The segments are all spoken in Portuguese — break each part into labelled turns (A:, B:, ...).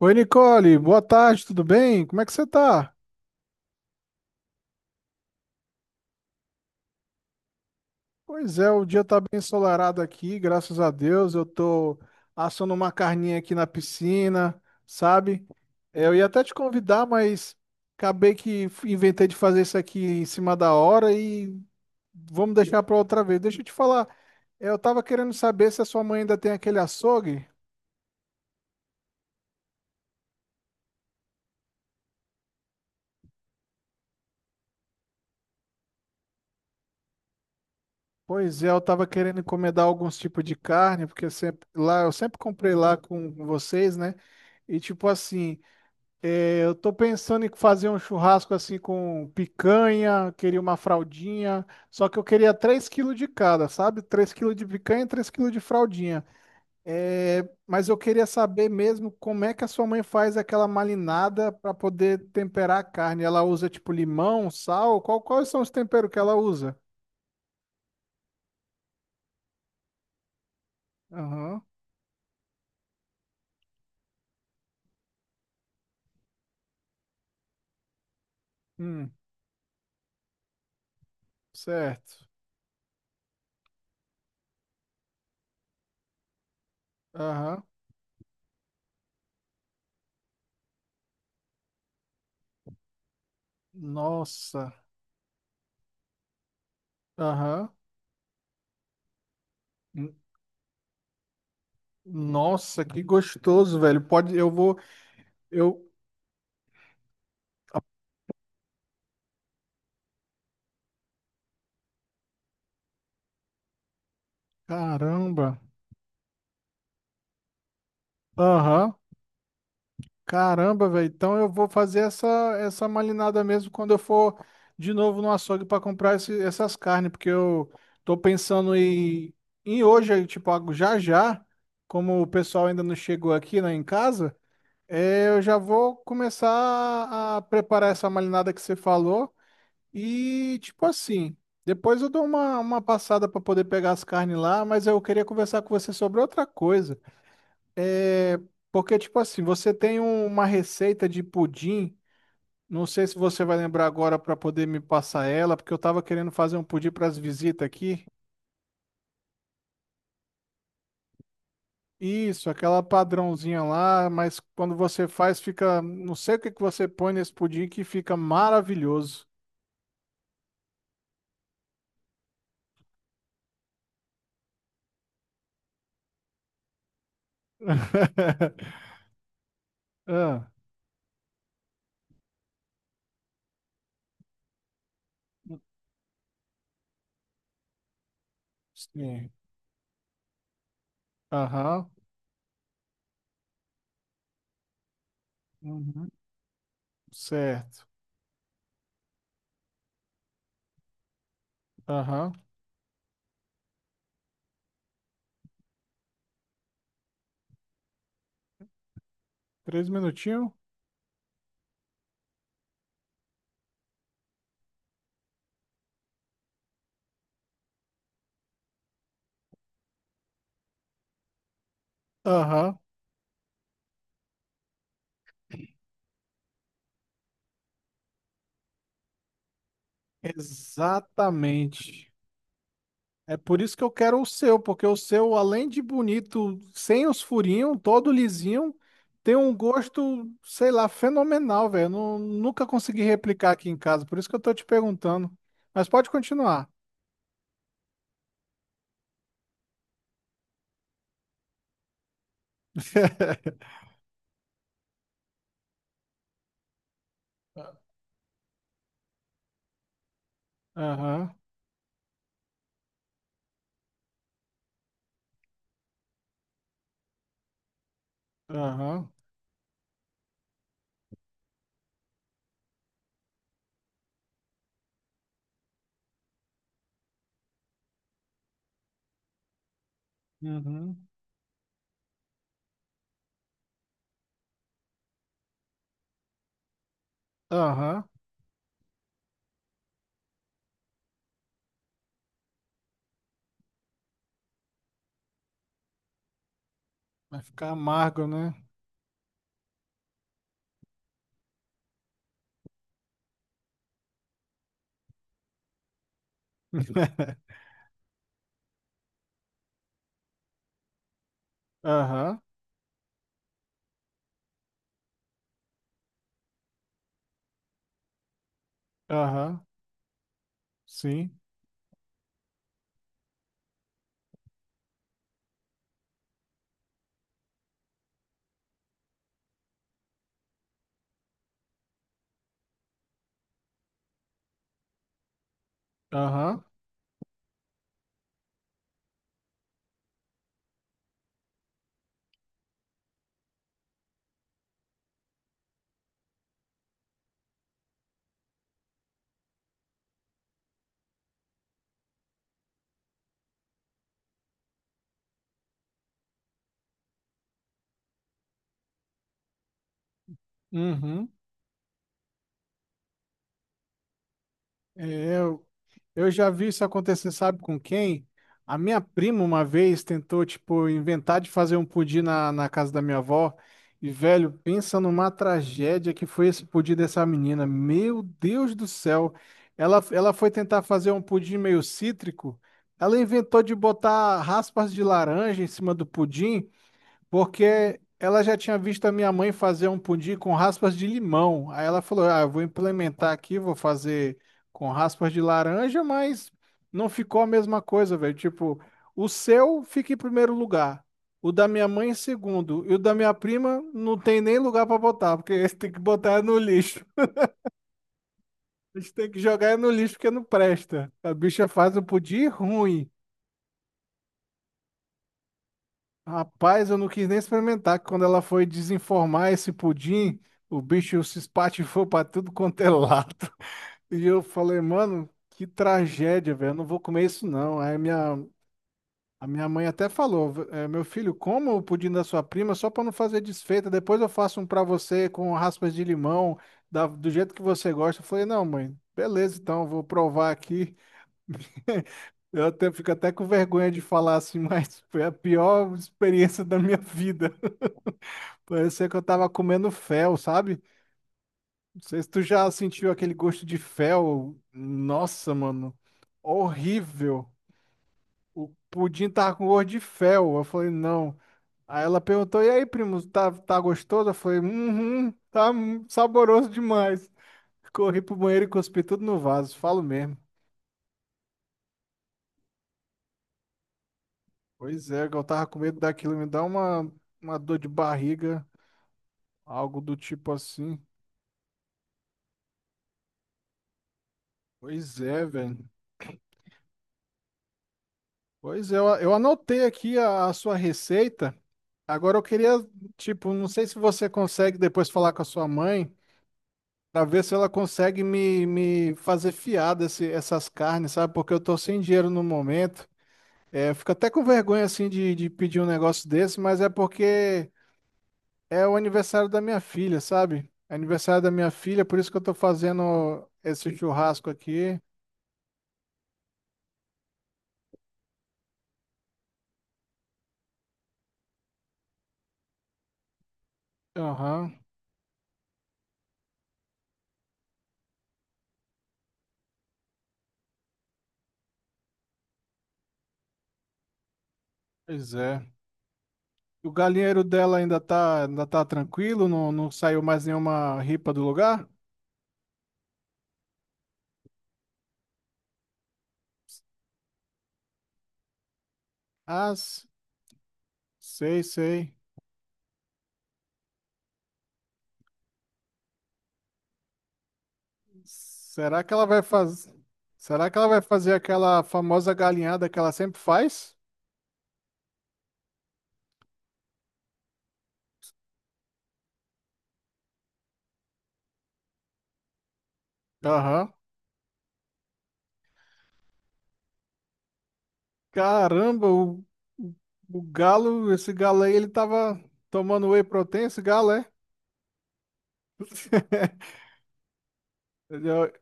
A: Oi, Nicole, boa tarde, tudo bem? Como é que você tá? Pois é, o dia tá bem ensolarado aqui, graças a Deus. Eu tô assando uma carninha aqui na piscina, sabe? Eu ia até te convidar, mas inventei de fazer isso aqui em cima da hora e vamos deixar pra outra vez. Deixa eu te falar, eu tava querendo saber se a sua mãe ainda tem aquele açougue. Pois é, eu tava querendo encomendar alguns tipos de carne, porque sempre lá eu sempre comprei lá com vocês, né? E tipo assim, eu tô pensando em fazer um churrasco assim com picanha, queria uma fraldinha, só que eu queria 3 quilos de cada, sabe? 3 quilos de picanha e 3 quilos de fraldinha. É, mas eu queria saber mesmo como é que a sua mãe faz aquela marinada para poder temperar a carne. Ela usa tipo limão, sal? Quais são os temperos que ela usa? Aham. Hum, certo. Aham. Nossa. Aham. N- Nossa, que gostoso, velho. Pode, eu vou. Eu, Caramba. Aham. Caramba, velho. Então eu vou fazer essa malinada mesmo quando eu for de novo no açougue para comprar essas carnes, porque eu tô pensando em hoje, aí, tipo, algo já já, como o pessoal ainda não chegou aqui, né, em casa, eu já vou começar a preparar essa malinada que você falou e, tipo assim, depois eu dou uma passada para poder pegar as carnes lá, mas eu queria conversar com você sobre outra coisa. É, porque, tipo assim, você tem uma receita de pudim, não sei se você vai lembrar agora para poder me passar ela, porque eu tava querendo fazer um pudim para as visitas aqui. Isso, aquela padrãozinha lá, mas quando você faz, fica. Não sei o que que você põe nesse pudim que fica maravilhoso. Ah, sim. Aham. Uhum. Certo. Aham. Três minutinhos? Aham. Exatamente. É por isso que eu quero o seu, porque o seu, além de bonito, sem os furinhos, todo lisinho, tem um gosto, sei lá, fenomenal, velho. Nunca consegui replicar aqui em casa, por isso que eu tô te perguntando. Mas pode continuar. Aham, aham, uhum, aham. Vai ficar amargo, né? Aham, aham, sim, aham, uhum. É, eu já vi isso acontecer, sabe com quem? A minha prima uma vez tentou, tipo, inventar de fazer um pudim na casa da minha avó. E, velho, pensa numa tragédia que foi esse pudim dessa menina. Meu Deus do céu. Ela foi tentar fazer um pudim meio cítrico. Ela inventou de botar raspas de laranja em cima do pudim. Porque ela já tinha visto a minha mãe fazer um pudim com raspas de limão. Aí ela falou: "Ah, eu vou implementar aqui, vou fazer com raspas de laranja", mas não ficou a mesma coisa, velho. Tipo, o seu fica em primeiro lugar, o da minha mãe em segundo, e o da minha prima não tem nem lugar pra botar, porque esse tem que botar no lixo. A gente tem que jogar no lixo porque não presta. A bicha faz um pudim ruim. Rapaz, eu não quis nem experimentar, que quando ela foi desenformar esse pudim, o bicho se espatifou pra tudo quanto é lado. E eu falei, mano, que tragédia, velho, eu não vou comer isso não. A minha mãe até falou, "É, meu filho, coma o pudim da sua prima só pra não fazer desfeita, depois eu faço um pra você com raspas de limão, do jeito que você gosta." Eu falei, não, mãe, beleza, então, eu vou provar aqui. Eu até, fico até com vergonha de falar assim, mas foi a pior experiência da minha vida. Parecia que eu tava comendo fel, sabe? Não sei se tu já sentiu aquele gosto de fel. Nossa, mano. Horrível. O pudim tava com gosto de fel. Eu falei, não. Aí ela perguntou, e aí, primo, tá, tá gostoso? Eu falei, uhum, tá saboroso demais. Corri pro banheiro e cuspi tudo no vaso, falo mesmo. Pois é, eu tava com medo daquilo me dar uma dor de barriga, algo do tipo assim. Pois é, velho. Pois é, eu anotei aqui a sua receita. Agora eu queria, tipo, não sei se você consegue depois falar com a sua mãe para ver se ela consegue me fazer fiar essas carnes, sabe? Porque eu tô sem dinheiro no momento. É, eu fico até com vergonha assim de pedir um negócio desse, mas é porque é o aniversário da minha filha, sabe? É aniversário da minha filha, por isso que eu tô fazendo esse churrasco aqui. Aham, pois é. O galinheiro dela ainda tá tranquilo, não, não saiu mais nenhuma ripa do lugar? As sei, sei. Será que ela vai fazer? Será que ela vai fazer aquela famosa galinhada que ela sempre faz? Aham. Caramba, o, o galo, esse galo aí, ele tava tomando whey protein, esse galo, é? Ele,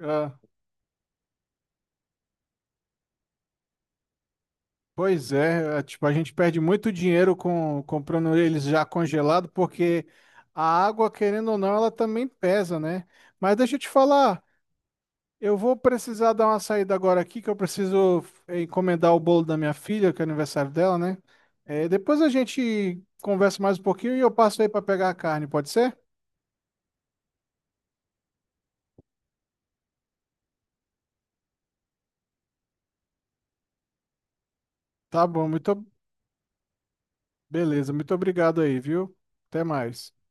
A: ah, pois é, é, tipo, a gente perde muito dinheiro com comprando eles já congelado, porque a água, querendo ou não, ela também pesa, né? Mas deixa eu te falar. Eu vou precisar dar uma saída agora aqui, que eu preciso encomendar o bolo da minha filha, que é aniversário dela, né? Depois a gente conversa mais um pouquinho e eu passo aí para pegar a carne, pode ser? Tá bom, muito beleza, muito obrigado aí, viu? Até mais.